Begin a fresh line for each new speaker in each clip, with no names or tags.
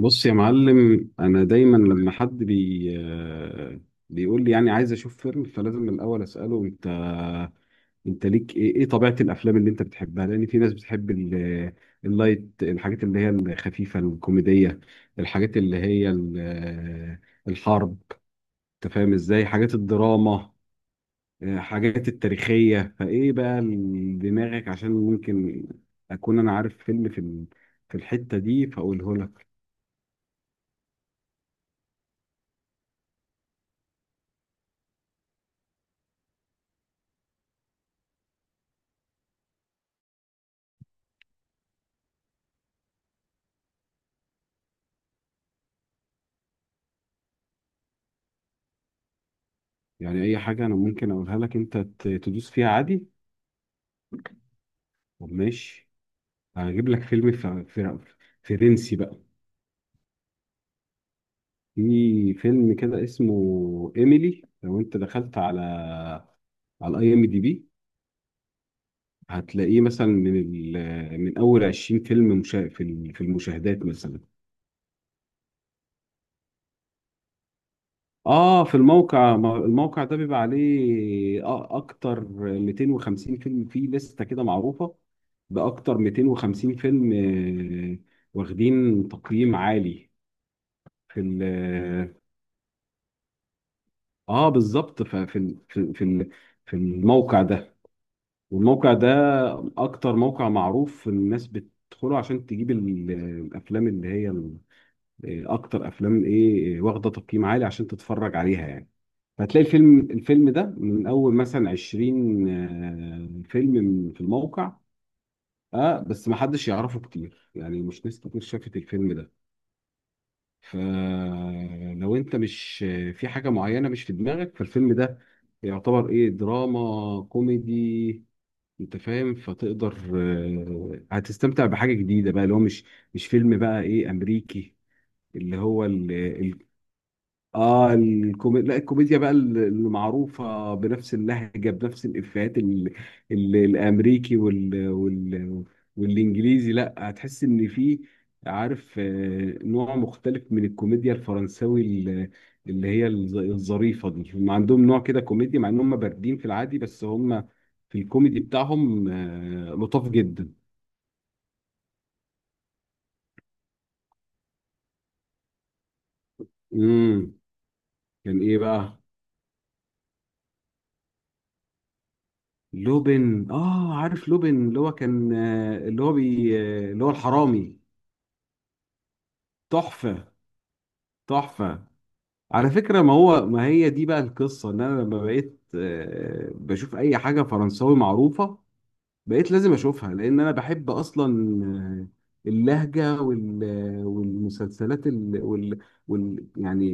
بص يا معلم، انا دايما لما حد بي آه، بيقول لي يعني عايز اشوف فيلم، فلازم من الاول اساله انت ليك ايه طبيعه الافلام اللي انت بتحبها، لان في ناس بتحب اللايت، الحاجات اللي هي الخفيفه الكوميديه، الحاجات اللي هي الحرب، انت فاهم ازاي، حاجات الدراما، حاجات التاريخيه، فايه بقى دماغك، عشان ممكن اكون انا عارف فيلم في الحته دي فاقوله لك. يعني اي حاجه انا ممكن اقولها لك انت تدوس فيها عادي. طب ماشي، هجيب لك فيلم فرنسي بقى. في فيلم كده اسمه ايميلي، لو انت دخلت على IMDb هتلاقيه مثلا من اول 20 فيلم في المشاهدات مثلا. اه، في الموقع، الموقع ده بيبقى عليه اكتر 250 فيلم، فيه لستة كده معروفة باكتر 250 فيلم، آه، واخدين تقييم عالي في ال اه بالظبط. ففي ال- في في ال- في الموقع ده، والموقع ده اكتر موقع معروف الناس بتدخله عشان تجيب الافلام اللي هي اكتر افلام ايه واخده تقييم عالي عشان تتفرج عليها يعني. فتلاقي الفيلم ده من اول مثلا 20 فيلم في الموقع. اه، بس ما حدش يعرفه كتير، يعني مش ناس كتير شافت الفيلم ده. فلو انت مش في حاجة معينة مش في دماغك، فالفيلم ده يعتبر ايه، دراما كوميدي، انت فاهم، فتقدر هتستمتع بحاجة جديدة بقى، اللي هو مش فيلم بقى ايه، امريكي. اللي هو اه الكوميديا، لا الكوميديا بقى المعروفه بنفس اللهجه بنفس الافيهات الامريكي والانجليزي، لا هتحس ان في، عارف، نوع مختلف من الكوميديا الفرنساوي، اللي هي الظريفه دي. هم عندهم نوع كده كوميديا، مع ان هم باردين في العادي، بس هم في الكوميدي بتاعهم لطاف جدا. امم كان ايه بقى؟ لوبن، اه عارف لوبن، اللي هو كان، اللي هو الحرامي. تحفة. تحفة. على فكرة، ما هي دي بقى القصة، ان انا لما بقيت بشوف اي حاجة فرنساوي معروفة بقيت لازم اشوفها، لان انا بحب اصلا آه، اللهجه، والمسلسلات يعني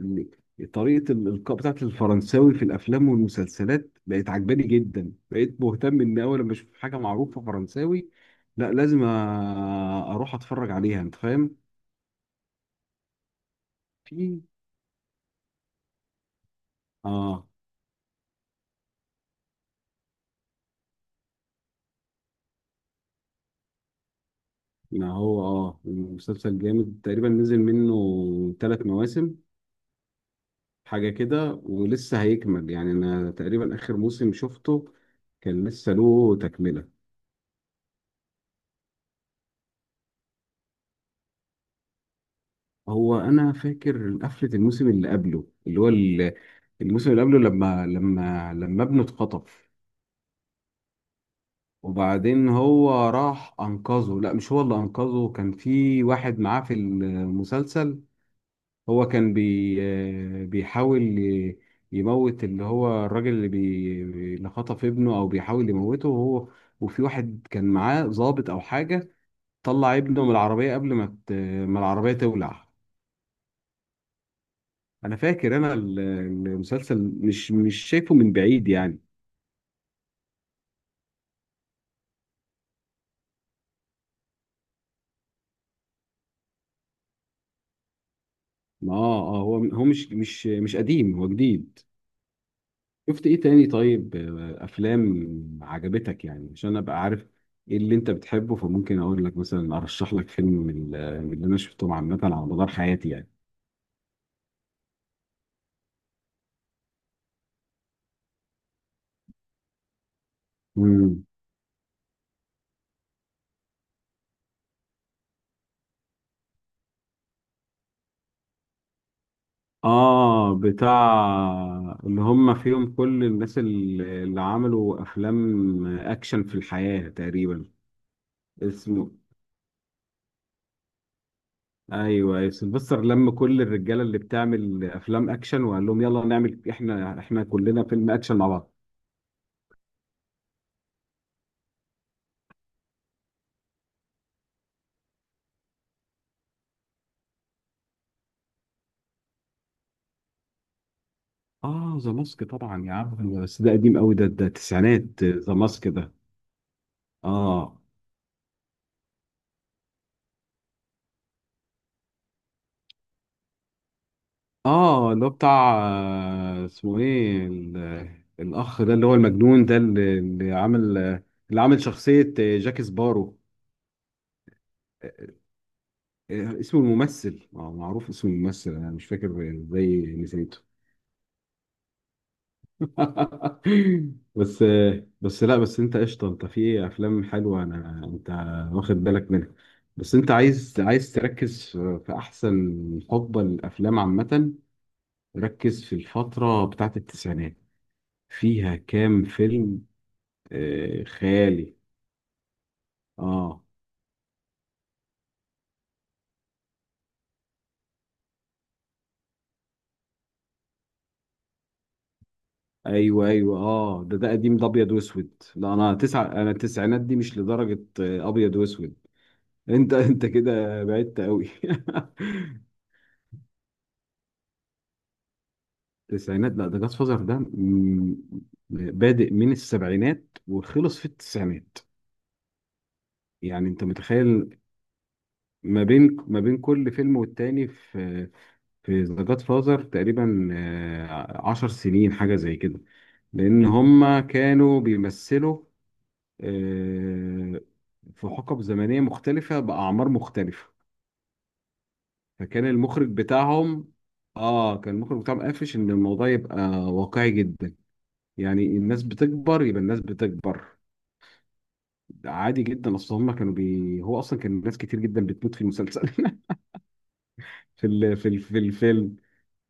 طريقه الالقاء بتاعت الفرنساوي في الافلام والمسلسلات بقت عجباني جدا، بقيت مهتم ان اول لما اشوف حاجه معروفه فرنساوي لا لازم اروح اتفرج عليها، انت فاهم. في اه ما هو، المسلسل جامد، تقريبا نزل منه ثلاث مواسم حاجة كده، ولسه هيكمل يعني. أنا تقريبا آخر موسم شفته كان لسه له تكملة. أنا فاكر قفلة الموسم اللي قبله، اللي هو الموسم اللي قبله لما ابنه اتخطف، وبعدين هو راح أنقذه، لا مش هو اللي أنقذه، كان في واحد معاه في المسلسل. هو كان بي آه، بيحاول يموت اللي هو الراجل اللي خطف ابنه، أو بيحاول يموته، وفي واحد كان معاه ضابط أو حاجة، طلع ابنه من العربية قبل ما العربية تولع. انا فاكر المسلسل مش مش شايفه من بعيد يعني. ما، هو مش قديم، هو جديد. شفت ايه تاني؟ طيب، افلام عجبتك يعني عشان ابقى عارف ايه اللي انت بتحبه فممكن اقول لك مثلا ارشح لك فيلم من اللي انا شفتهم عامة على مدار حياتي يعني. مم. اه، بتاع اللي هم فيهم كل الناس اللي عملوا افلام اكشن في الحياة تقريبا. اسمه، ايوه، يا سيلفستر لم كل الرجاله اللي بتعمل افلام اكشن وقال لهم يلا نعمل احنا، احنا كلنا فيلم اكشن مع بعض. اه، ذا ماسك طبعا يا عم، بس ده قديم قوي، ده التسعينات ذا ماسك ده. اه اه اللي هو بتاع اسمه ايه، الاخ ده اللي هو المجنون ده، اللي عامل، اللي عامل شخصيه جاك سبارو. آه، اسمه الممثل معروف، اسم الممثل انا مش فاكر، ازاي نسيته! بس بس لا، بس انت قشطه، انت في افلام حلوه، انت واخد بالك منها. بس انت عايز تركز في احسن حقبه للافلام عامه. ركز في الفتره بتاعت التسعينات، فيها كام فيلم خيالي. اه ايوه ايوه، اه ده قديم، ده ابيض واسود، لا انا، تسع انا التسعينات دي مش لدرجه ابيض واسود. انت كده بعدت قوي. التسعينات؟ لا ده جاد فازر ده بادئ من السبعينات وخلص في التسعينات، يعني انت متخيل. ما بين كل فيلم والتاني في ذا جاد فازر تقريبا عشر سنين حاجة زي كده، لأن هما كانوا بيمثلوا آه، في حقب زمنية مختلفة بأعمار مختلفة. فكان المخرج بتاعهم، اه كان المخرج بتاعهم قافش ان الموضوع يبقى واقعي جدا، يعني الناس بتكبر يبقى الناس بتكبر عادي جدا. اصل هم كانوا بي، هو اصلا كان ناس كتير جدا بتموت في المسلسل في الفيلم.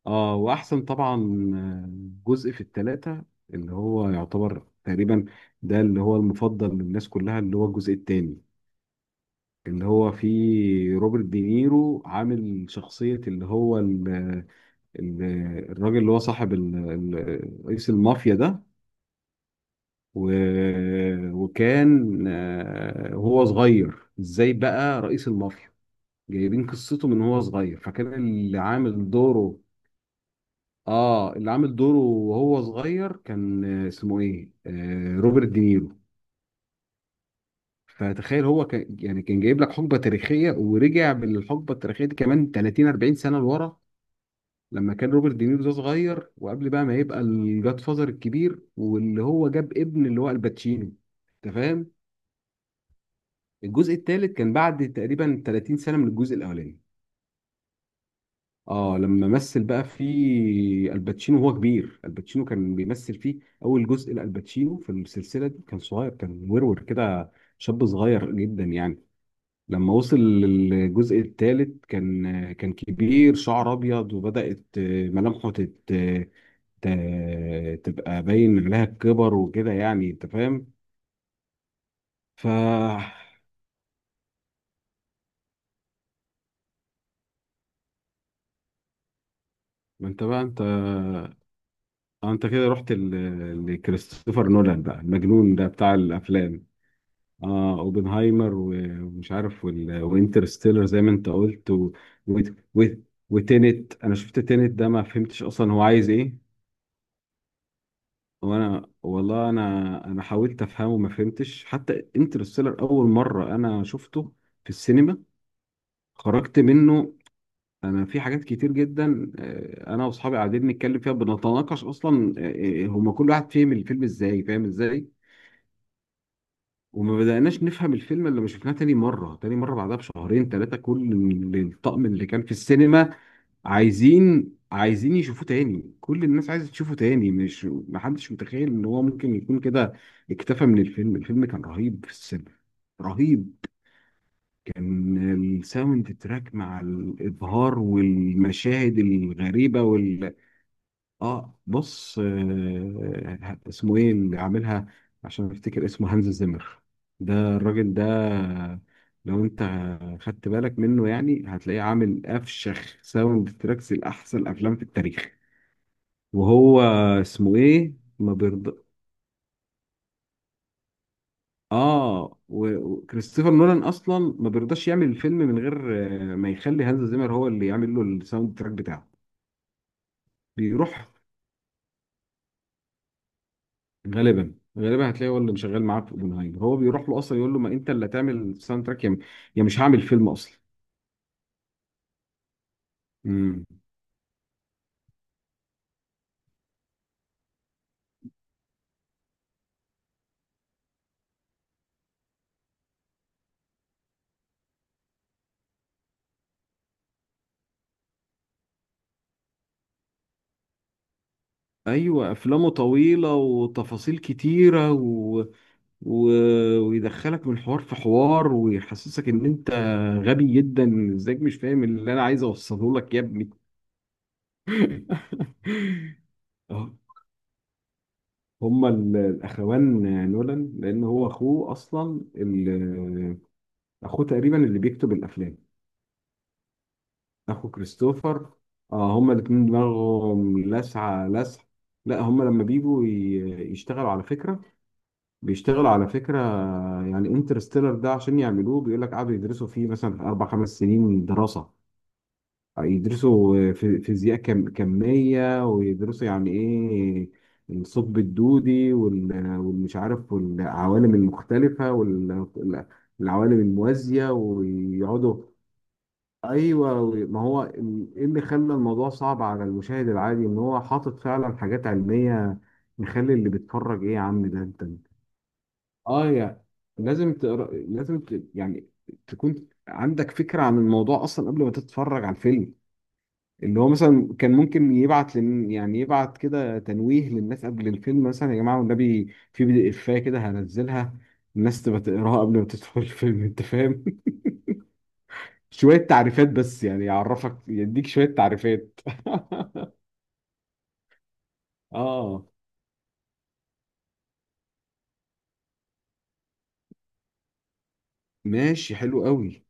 اه، واحسن طبعا آه، جزء في الثلاثه اللي هو يعتبر تقريبا ده اللي هو المفضل للناس كلها، اللي هو الجزء الثاني اللي هو فيه روبرت دينيرو عامل شخصية اللي هو ال... الراجل اللي هو صاحب رئيس المافيا ده. و... وكان، وهو صغير ازاي بقى رئيس المافيا، جايبين قصته من هو صغير، فكان اللي عامل دوره، اه اللي عامل دوره وهو صغير كان اسمه ايه، روبرت دينيرو. فتخيل هو كان يعني كان جايب لك حقبة تاريخية، ورجع بالحقبة التاريخية دي كمان 30 40 سنة لورا، لما كان روبرت دينيرو ده صغير، وقبل بقى ما يبقى الجاد فازر الكبير واللي هو جاب ابن اللي هو الباتشينو، انت فاهم. الجزء الثالث كان بعد تقريبا 30 سنة من الجزء الاولاني. اه، لما مثل بقى في الباتشينو وهو كبير. الباتشينو كان بيمثل فيه، اول جزء لالباتشينو في السلسله دي كان صغير، كان ورور كده شاب صغير جدا يعني. لما وصل للجزء الثالث كان، كان كبير، شعر ابيض، وبدات ملامحه ت... تبقى باين عليها الكبر وكده يعني، انت فاهم. ف ما، انت بقى انت، انت كده رحت لكريستوفر نولان بقى، المجنون ده بتاع الافلام. اه، اوبنهايمر، ومش عارف وانترستيلر زي ما انت قلت، و... و... و... وتينت، انا شفت تينت ده ما فهمتش اصلا هو عايز ايه. وانا والله انا، انا حاولت افهمه ما فهمتش. حتى انترستيلر اول مره انا شفته في السينما خرجت منه، انا في حاجات كتير جدا انا واصحابي قاعدين نتكلم فيها بنتناقش اصلا هما كل واحد فهم الفيلم ازاي، فاهم ازاي، وما بدأناش نفهم الفيلم. اللي ما شفناه تاني مرة، تاني مرة بعدها بشهرين ثلاثة، كل الطقم اللي كان في السينما عايزين، عايزين يشوفوه تاني، كل الناس عايزة تشوفه تاني، مش محدش متخيل ان هو ممكن يكون كده اكتفى من الفيلم. الفيلم كان رهيب في السينما، رهيب. كان الساوند تراك مع الإبهار والمشاهد الغريبة وال، اه بص، آه اسمه ايه اللي عاملها، عشان افتكر اسمه هانز زيمر، ده الراجل ده لو انت خدت بالك منه يعني هتلاقيه عامل افشخ ساوند تراكس لاحسن افلام في التاريخ، وهو اسمه ايه، ما بيرضى، اه، وكريستوفر نولان اصلا ما بيرضاش يعمل الفيلم من غير ما يخلي هانز زيمر هو اللي يعمل له الساوند تراك بتاعه. بيروح، غالبا غالبا هتلاقي هو اللي شغال معاه في اوبنهايمر، هو بيروح له اصلا يقول له ما انت اللي هتعمل ساوند تراك يا، يا مش هعمل فيلم اصلا. امم، ايوه، افلامه طويله وتفاصيل كتيره و... ويدخلك من حوار في حوار ويحسسك ان انت غبي جدا، ازيك مش فاهم اللي انا عايز اوصله لك يا ابني. آه، هما الاخوان نولان، لان هو اخوه اصلا اخوه تقريبا اللي بيكتب الافلام، اخو كريستوفر. اه، هما الاتنين دماغهم لسعة لسع. لا هما لما بيجوا يشتغلوا على فكرة بيشتغلوا على فكرة، يعني انترستيلر ده عشان يعملوه بيقول لك قعدوا يدرسوا فيه مثلا أربع خمس سنين دراسة، يدرسوا فيزياء كمية، ويدرسوا يعني إيه الثقب الدودي والمش عارف والعوالم المختلفة والعوالم الموازية، ويقعدوا. ايوه، ما هو ايه اللي خلى الموضوع صعب على المشاهد العادي، ان هو حاطط فعلا حاجات علميه يخلي اللي بيتفرج ايه، يا عم ده انت، اه يا، لازم تقرا، لازم يعني تكون عندك فكره عن الموضوع اصلا قبل ما تتفرج على الفيلم. اللي هو مثلا كان ممكن يبعت لن... يعني يبعت كده تنويه للناس قبل الفيلم، مثلا يا جماعه والنبي في بي دي افايه كده هنزلها، الناس تبقى تقراها قبل ما تدخل الفيلم، انت فاهم، شوية تعريفات بس يعني، يعرفك يديك شوية تعريفات. اه، ماشي، حلو قوي.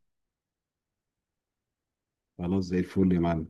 خلاص، زي الفل يا معلم.